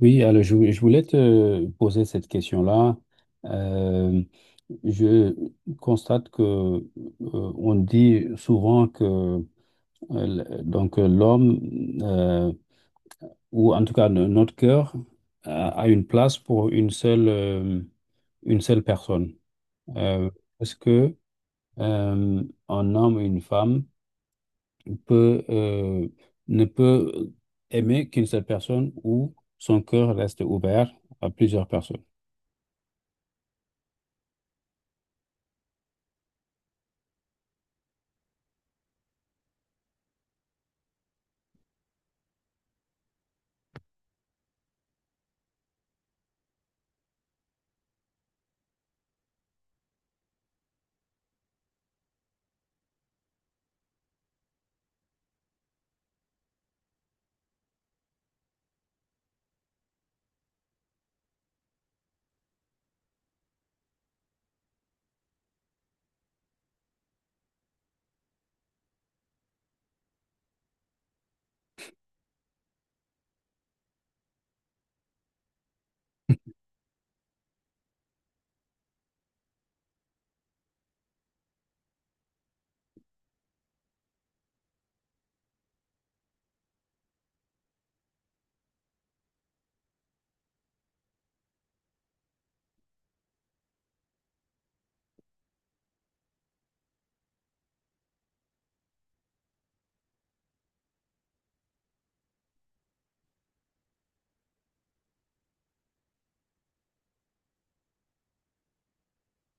Oui, alors je voulais te poser cette question-là. Euh, je constate que on dit souvent que donc l'homme euh, ou en tout cas notre cœur a une place pour une seule personne. Euh, est-ce que euh, un homme ou une femme peut ne peut aimer qu'une seule personne ou son cœur reste ouvert à plusieurs personnes?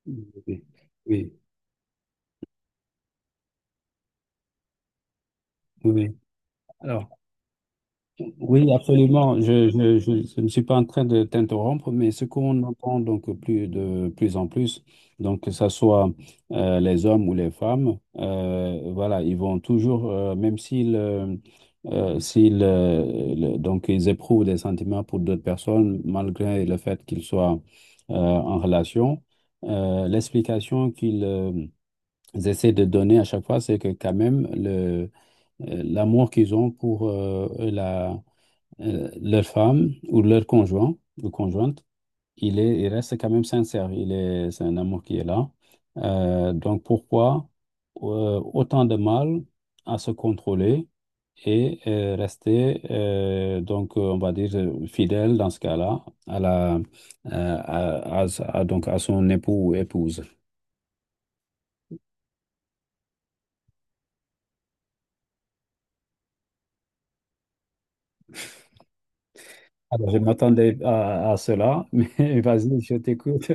Oui, oui, oui. Alors, oui, absolument. Je ne suis pas en train de t'interrompre, mais ce qu'on entend donc plus de plus en plus, donc que ce soit les hommes ou les femmes, voilà, ils vont toujours, même s'ils donc ils éprouvent des sentiments pour d'autres personnes, malgré le fait qu'ils soient en relation, l'explication qu'ils essaient de donner à chaque fois, c'est que quand même le l'amour qu'ils ont pour leur femme ou leur conjoint ou conjointe, il reste quand même sincère. C'est un amour qui est là. Donc pourquoi autant de mal à se contrôler et rester, on va dire, fidèle dans ce cas-là à la, à, à- à- donc à son époux ou épouse. Alors, je m'attendais à cela, mais vas-y, je t'écoute.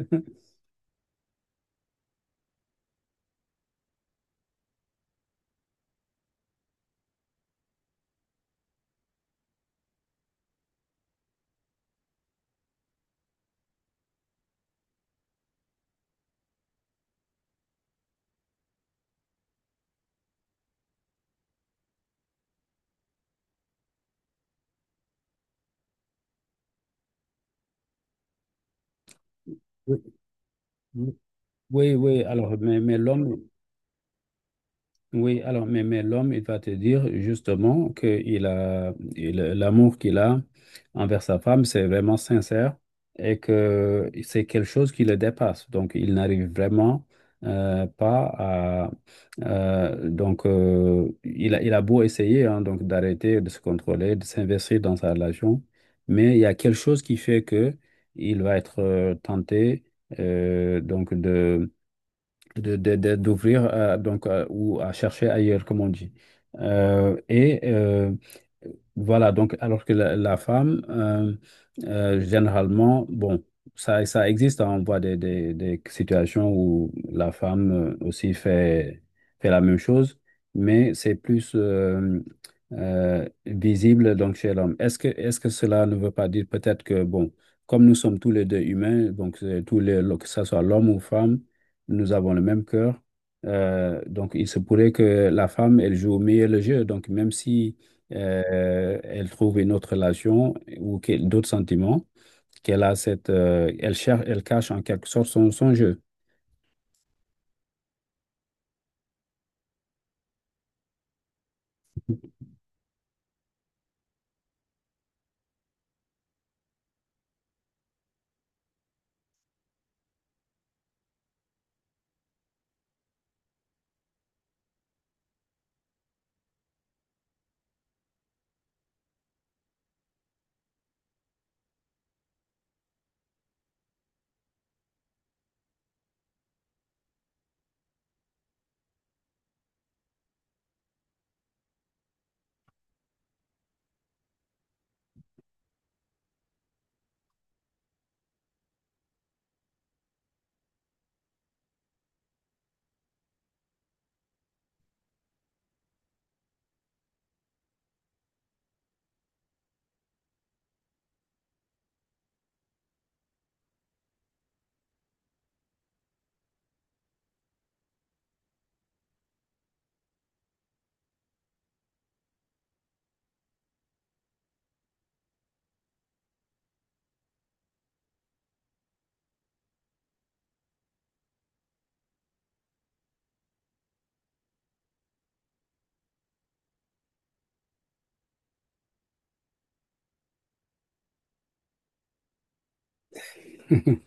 Oui, alors, mais l'homme, oui, alors, mais l'homme, il va te dire justement que l'amour qu'il a envers sa femme, c'est vraiment sincère et que c'est quelque chose qui le dépasse. Donc, il n'arrive vraiment pas à. Il a beau essayer hein, donc d'arrêter de se contrôler, de s'investir dans sa relation, mais il y a quelque chose qui fait que il va être tenté donc d'ouvrir ou à chercher ailleurs, comme on dit. Euh, et euh, voilà, donc alors que la femme, généralement, bon, ça existe, hein, on voit des situations où la femme aussi fait la même chose, mais c'est plus visible donc chez l'homme. Est-ce que cela ne veut pas dire peut-être que, bon, comme nous sommes tous les deux humains, donc tous les, que ce soit l'homme ou femme, nous avons le même cœur. Donc, il se pourrait que la femme, elle joue au mieux le jeu. Donc, même si elle trouve une autre relation ou d'autres sentiments, elle cherche, elle cache en quelque sorte son jeu.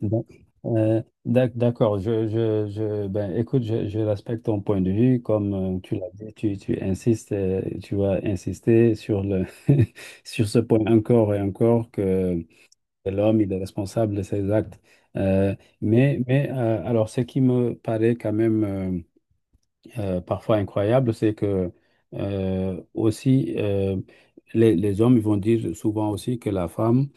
Bon. D'accord, ben, écoute, je respecte ton point de vue. Comme tu l'as dit, tu insistes, tu vas insister sur le, sur ce point encore et encore que c'est l'homme, il est responsable de ses actes. Euh, mais alors, ce qui me paraît quand même parfois incroyable, c'est que euh, aussi, euh, les hommes ils vont dire souvent aussi que la femme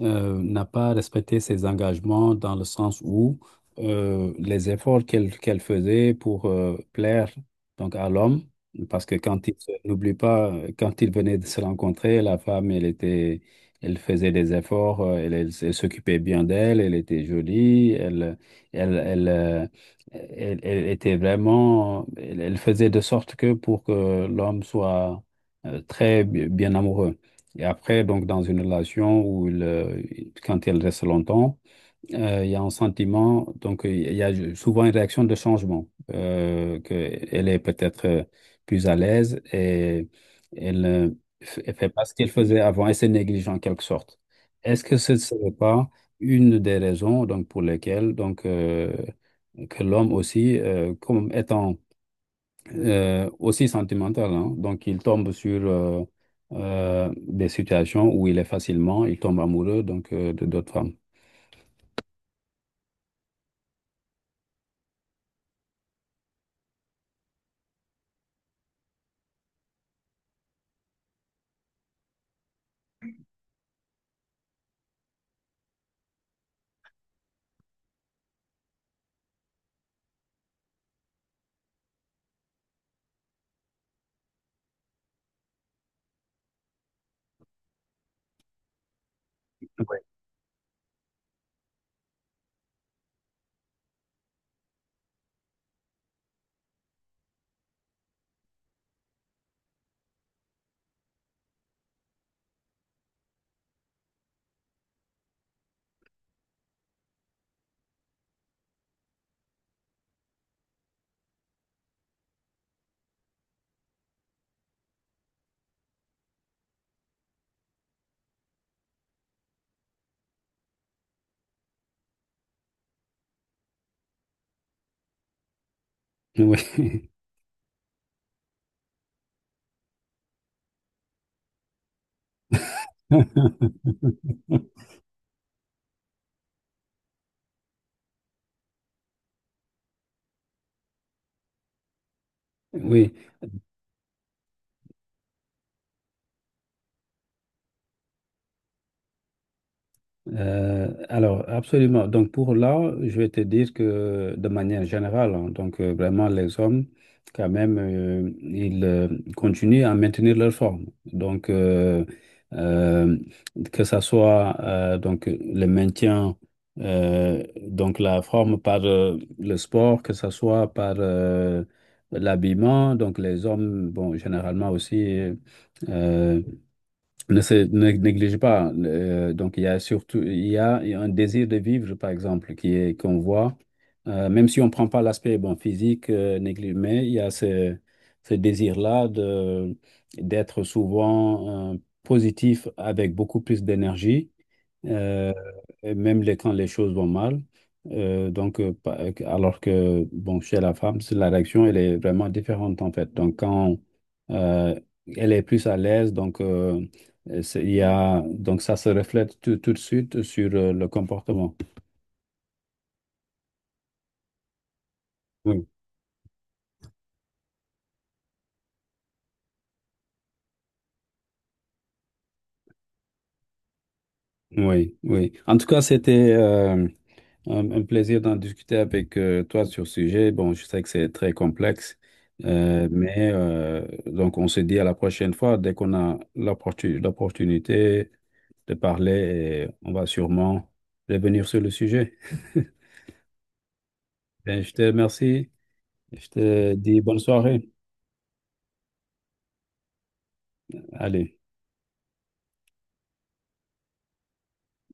n'a pas respecté ses engagements dans le sens où les efforts qu'elle faisait pour plaire donc à l'homme, parce que quand n'oublie pas, quand ils venaient de se rencontrer, la femme, elle était, elle faisait des efforts, elle s'occupait bien d'elle, elle était jolie, elle, elle, euh, elle était vraiment, elle faisait de sorte que pour que l'homme soit bien amoureux. Et après, donc, dans une relation où quand elle reste longtemps, il y a un sentiment, donc il y a souvent une réaction de changement, qu'elle est peut-être plus à l'aise et elle euh, elle fait pas ce qu'elle faisait avant et c'est négligent en quelque sorte. Est-ce que ce ne serait pas une des raisons donc, pour lesquelles donc, que l'homme aussi, comme étant aussi sentimental. Hein. Donc, il tombe sur des situations où il est facilement, il tombe amoureux donc de d'autres femmes. Oui. Oui. Alors, absolument. Donc, pour là, je vais te dire que de manière générale, hein, donc vraiment, les hommes, quand même, ils continuent à maintenir leur forme. Donc, euh, que ça soit donc le maintien, donc la forme par le sport, que ça soit par l'habillement. Donc, les hommes, bon, généralement aussi. euh, ne négligez pas. Donc, il y a surtout il y a un désir de vivre, par exemple, qui est qu'on voit, même si on ne prend pas l'aspect bon, physique, mais il y a ce désir-là d'être souvent positif avec beaucoup plus d'énergie, euh, et même quand les choses vont mal. Alors que bon, chez la femme, la réaction, elle est vraiment différente en fait. Donc, quand euh, elle est plus à l'aise, donc. Il y a, donc ça se reflète tout de suite sur le comportement. Oui, oui, oui. En tout cas, c'était un plaisir d'en discuter avec toi sur ce sujet. Bon, je sais que c'est très complexe, donc on se dit à la prochaine fois, dès qu'on a l'opportunité de parler, et on va sûrement revenir sur le sujet. Ben, je te remercie. Je te dis bonne soirée. Allez.